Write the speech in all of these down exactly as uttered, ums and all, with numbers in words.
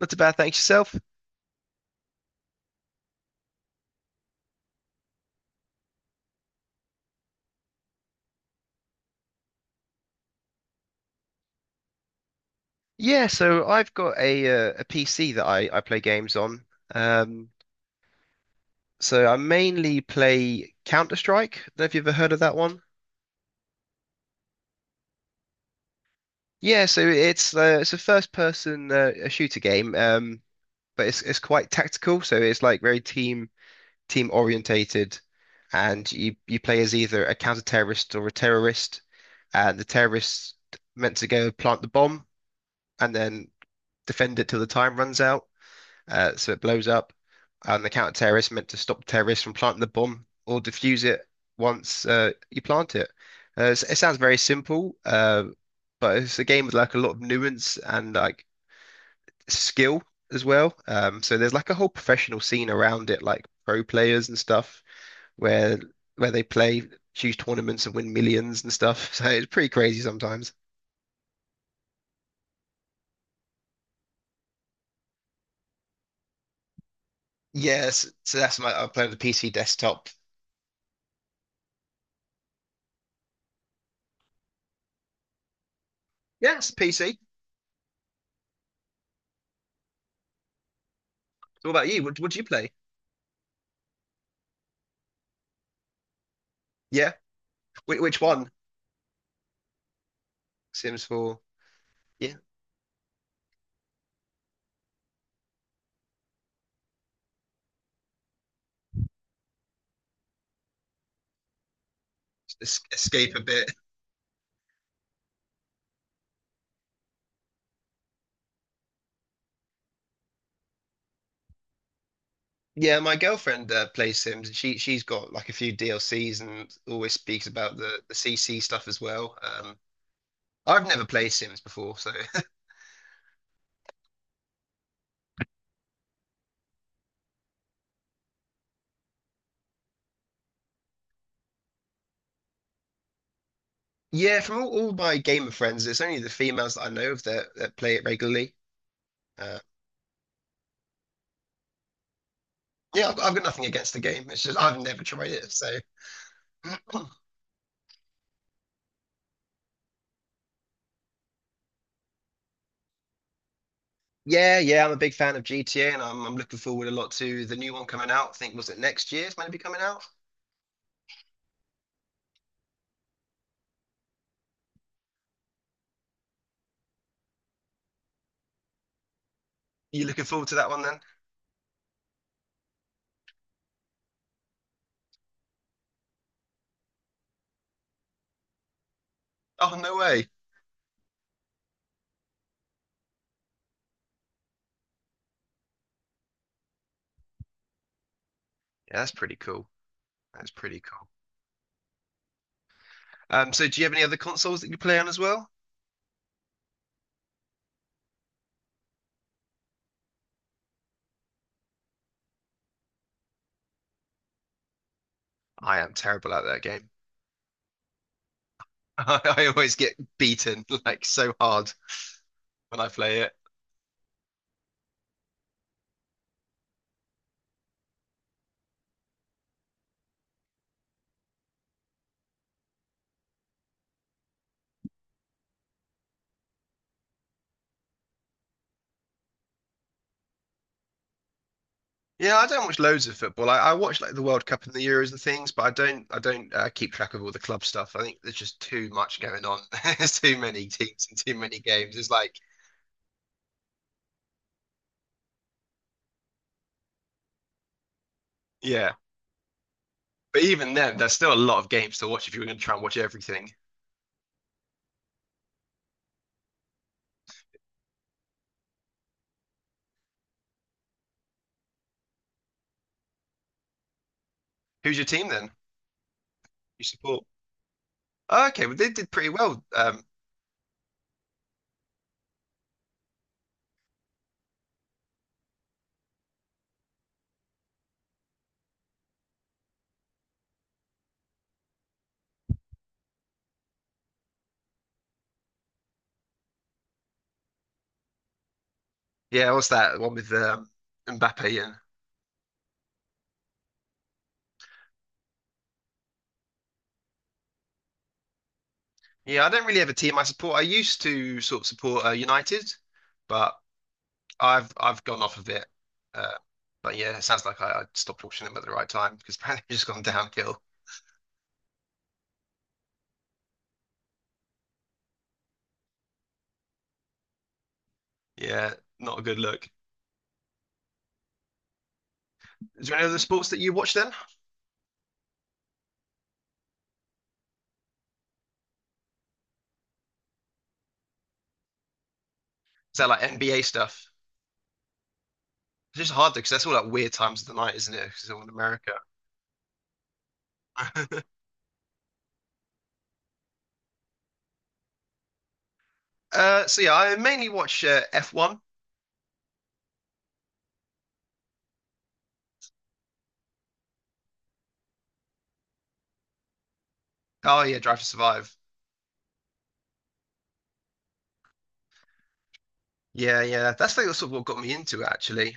Not too bad, thanks yourself. Yeah, so I've got a uh, a P C that I, I play games on. Um, so I mainly play Counter-Strike. Don't know if you've ever heard of that one. Yeah, so it's uh, it's a first-person uh, a shooter game, um, but it's it's quite tactical. So it's like very team team orientated, and you you play as either a counter-terrorist or a terrorist, and the terrorists meant to go plant the bomb and then defend it till the time runs out. Uh, so it blows up, and the counter-terrorists meant to stop terrorists from planting the bomb or defuse it once uh, you plant it. Uh, it's- it sounds very simple, uh, but it's a game with like a lot of nuance and like skill as well. Um, so there's like a whole professional scene around it, like pro players and stuff, where where they play huge tournaments and win millions and stuff. So it's pretty crazy sometimes. Yes, so that's my I play on the P C desktop. Yes, P C. What about you? What would you play? Yeah. Which, which one? Sims four. Yeah, es- escape a bit. Yeah, my girlfriend uh, plays Sims. And She she's got like a few D L Cs and always speaks about the the C C stuff as well. Um, I've never played Sims before, so yeah. From all, all my gamer friends, it's only the females that I know of that that play it regularly. Uh, yeah, I've, I've got nothing against the game. It's just I've never tried it, so yeah, yeah. I'm a big fan of G T A, and I'm I'm looking forward a lot to the new one coming out. I think was it next year's maybe coming out. You looking forward to that one? Oh, no way. Yeah, that's pretty cool. That's pretty cool. Um, so do you have any other consoles that you play on as well? I am terrible at that game. I, I always get beaten like so hard when I play it. Yeah, I don't watch loads of football. I, I watch like the World Cup and the Euros and things, but I don't I don't uh, keep track of all the club stuff. I think there's just too much going on. There's too many teams and too many games. It's like, yeah. But even then, there's still a lot of games to watch if you were going to try and watch everything. Who's your team then? You support? Oh, okay, well they did pretty well um, yeah, what's that one with um, Mbappe and yeah, I don't really have a team I support. I used to sort of support uh, United, but I've I've gone off of it. Uh, but yeah, it sounds like I, I stopped watching them at the right time because apparently it's just gone downhill. Yeah, not a good look. Is there any other sports that you watch then? Is that like N B A stuff? It's just hard though because that's all like weird times of the night, isn't it? Because it's all in America. Uh, so yeah, I mainly watch uh, F one. Oh yeah, Drive to Survive. Yeah, yeah, that's like sort of what got me into it actually.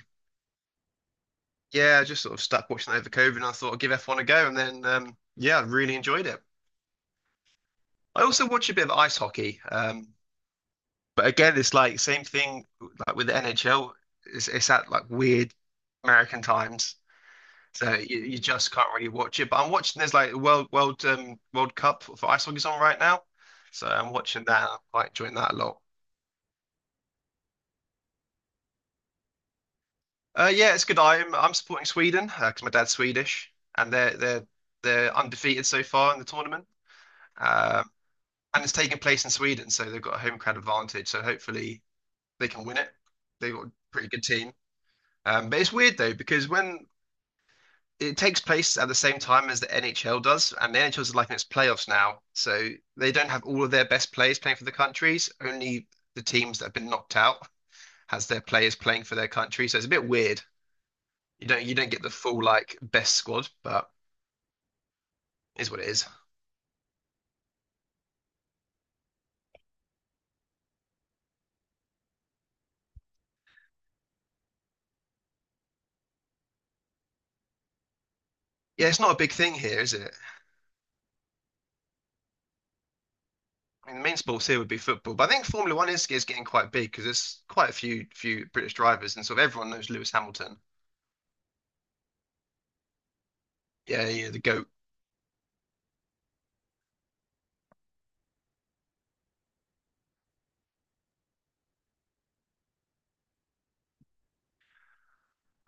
Yeah, I just sort of stuck watching that over COVID, and I thought I'd give F one a go, and then um, yeah, I really enjoyed it. I also watch a bit of ice hockey, um, but again, it's like same thing like with the N H L. It's, it's at like weird American times, so you, you just can't really watch it. But I'm watching there's like World World um, World Cup for ice hockey's on right now, so I'm watching that. I'm quite enjoying that a lot. Uh, yeah, it's good. I'm I'm supporting Sweden because my dad's Swedish, and they're they're they're undefeated so far in the tournament. Uh, and it's taking place in Sweden, so they've got a home crowd advantage. So hopefully they can win it. They've got a pretty good team. Um, but it's weird though because when it takes place at the same time as the N H L does, and the N H L is like in its playoffs now, so they don't have all of their best players playing for the countries. Only the teams that have been knocked out has their players playing for their country. So it's a bit weird. You don't you don't get the full like best squad, but it is what it is. Yeah, it's not a big thing here, is it? I mean, the main sports here would be football, but I think Formula One is is getting quite big because there's quite a few few British drivers, and sort of everyone knows Lewis Hamilton. Yeah, yeah, the GOAT.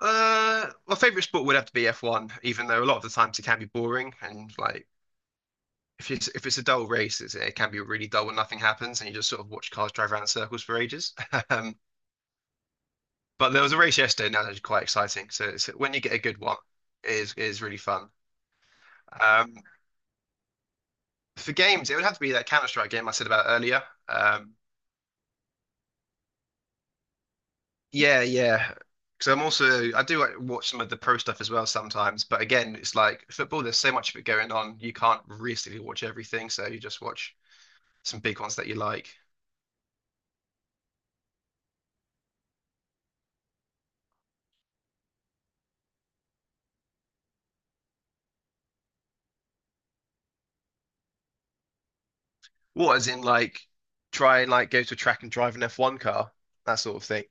Uh, my favorite sport would have to be F one, even though a lot of the times it can be boring and like if it's if it's a dull race, it's, it can be really dull when nothing happens and you just sort of watch cars drive around in circles for ages. Um, but there was a race yesterday, now that's quite exciting. So it's, when you get a good one, it is it is really fun. Um, for games, it would have to be that Counter-Strike game I said about earlier. Um, Yeah, yeah. Because I'm also I do like, watch some of the pro stuff as well sometimes, but again, it's like football. There's so much of it going on. You can't realistically watch everything, so you just watch some big ones that you like. What, as in like try and like go to a track and drive an F one car, that sort of thing.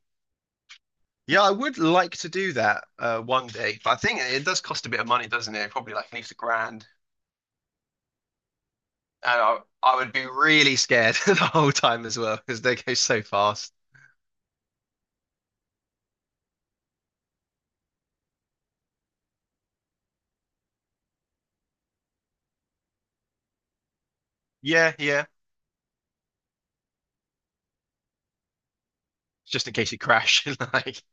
Yeah, I would like to do that uh, one day, but I think it does cost a bit of money, doesn't it? Probably like at least a grand. And I, I would be really scared the whole time as well because they go so fast. Yeah, yeah. Just in case you crash, like.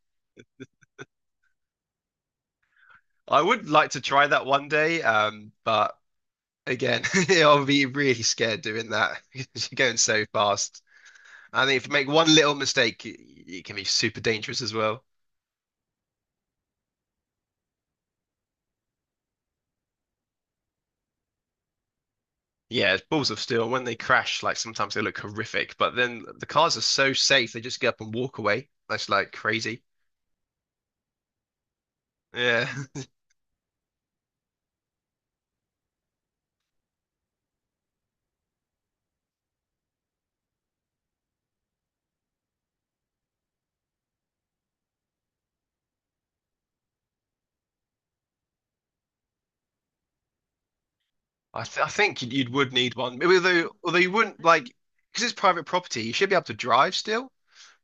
I would like to try that one day, um, but again, I'll be really scared doing that because you're going so fast. I think if you make one little mistake, it, it can be super dangerous as well. Yeah, it's balls of steel. When they crash, like sometimes they look horrific, but then the cars are so safe they just get up and walk away. That's like crazy. Yeah, I th I think you'd, you'd would need one. Although although you wouldn't like because it's private property, you should be able to drive still.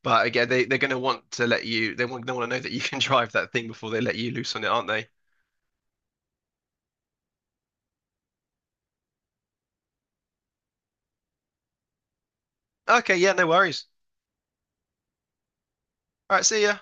But again, they, they're going to want to let you, they want, they want to know that you can drive that thing before they let you loose on it, aren't they? Okay, yeah, no worries. All right, see ya.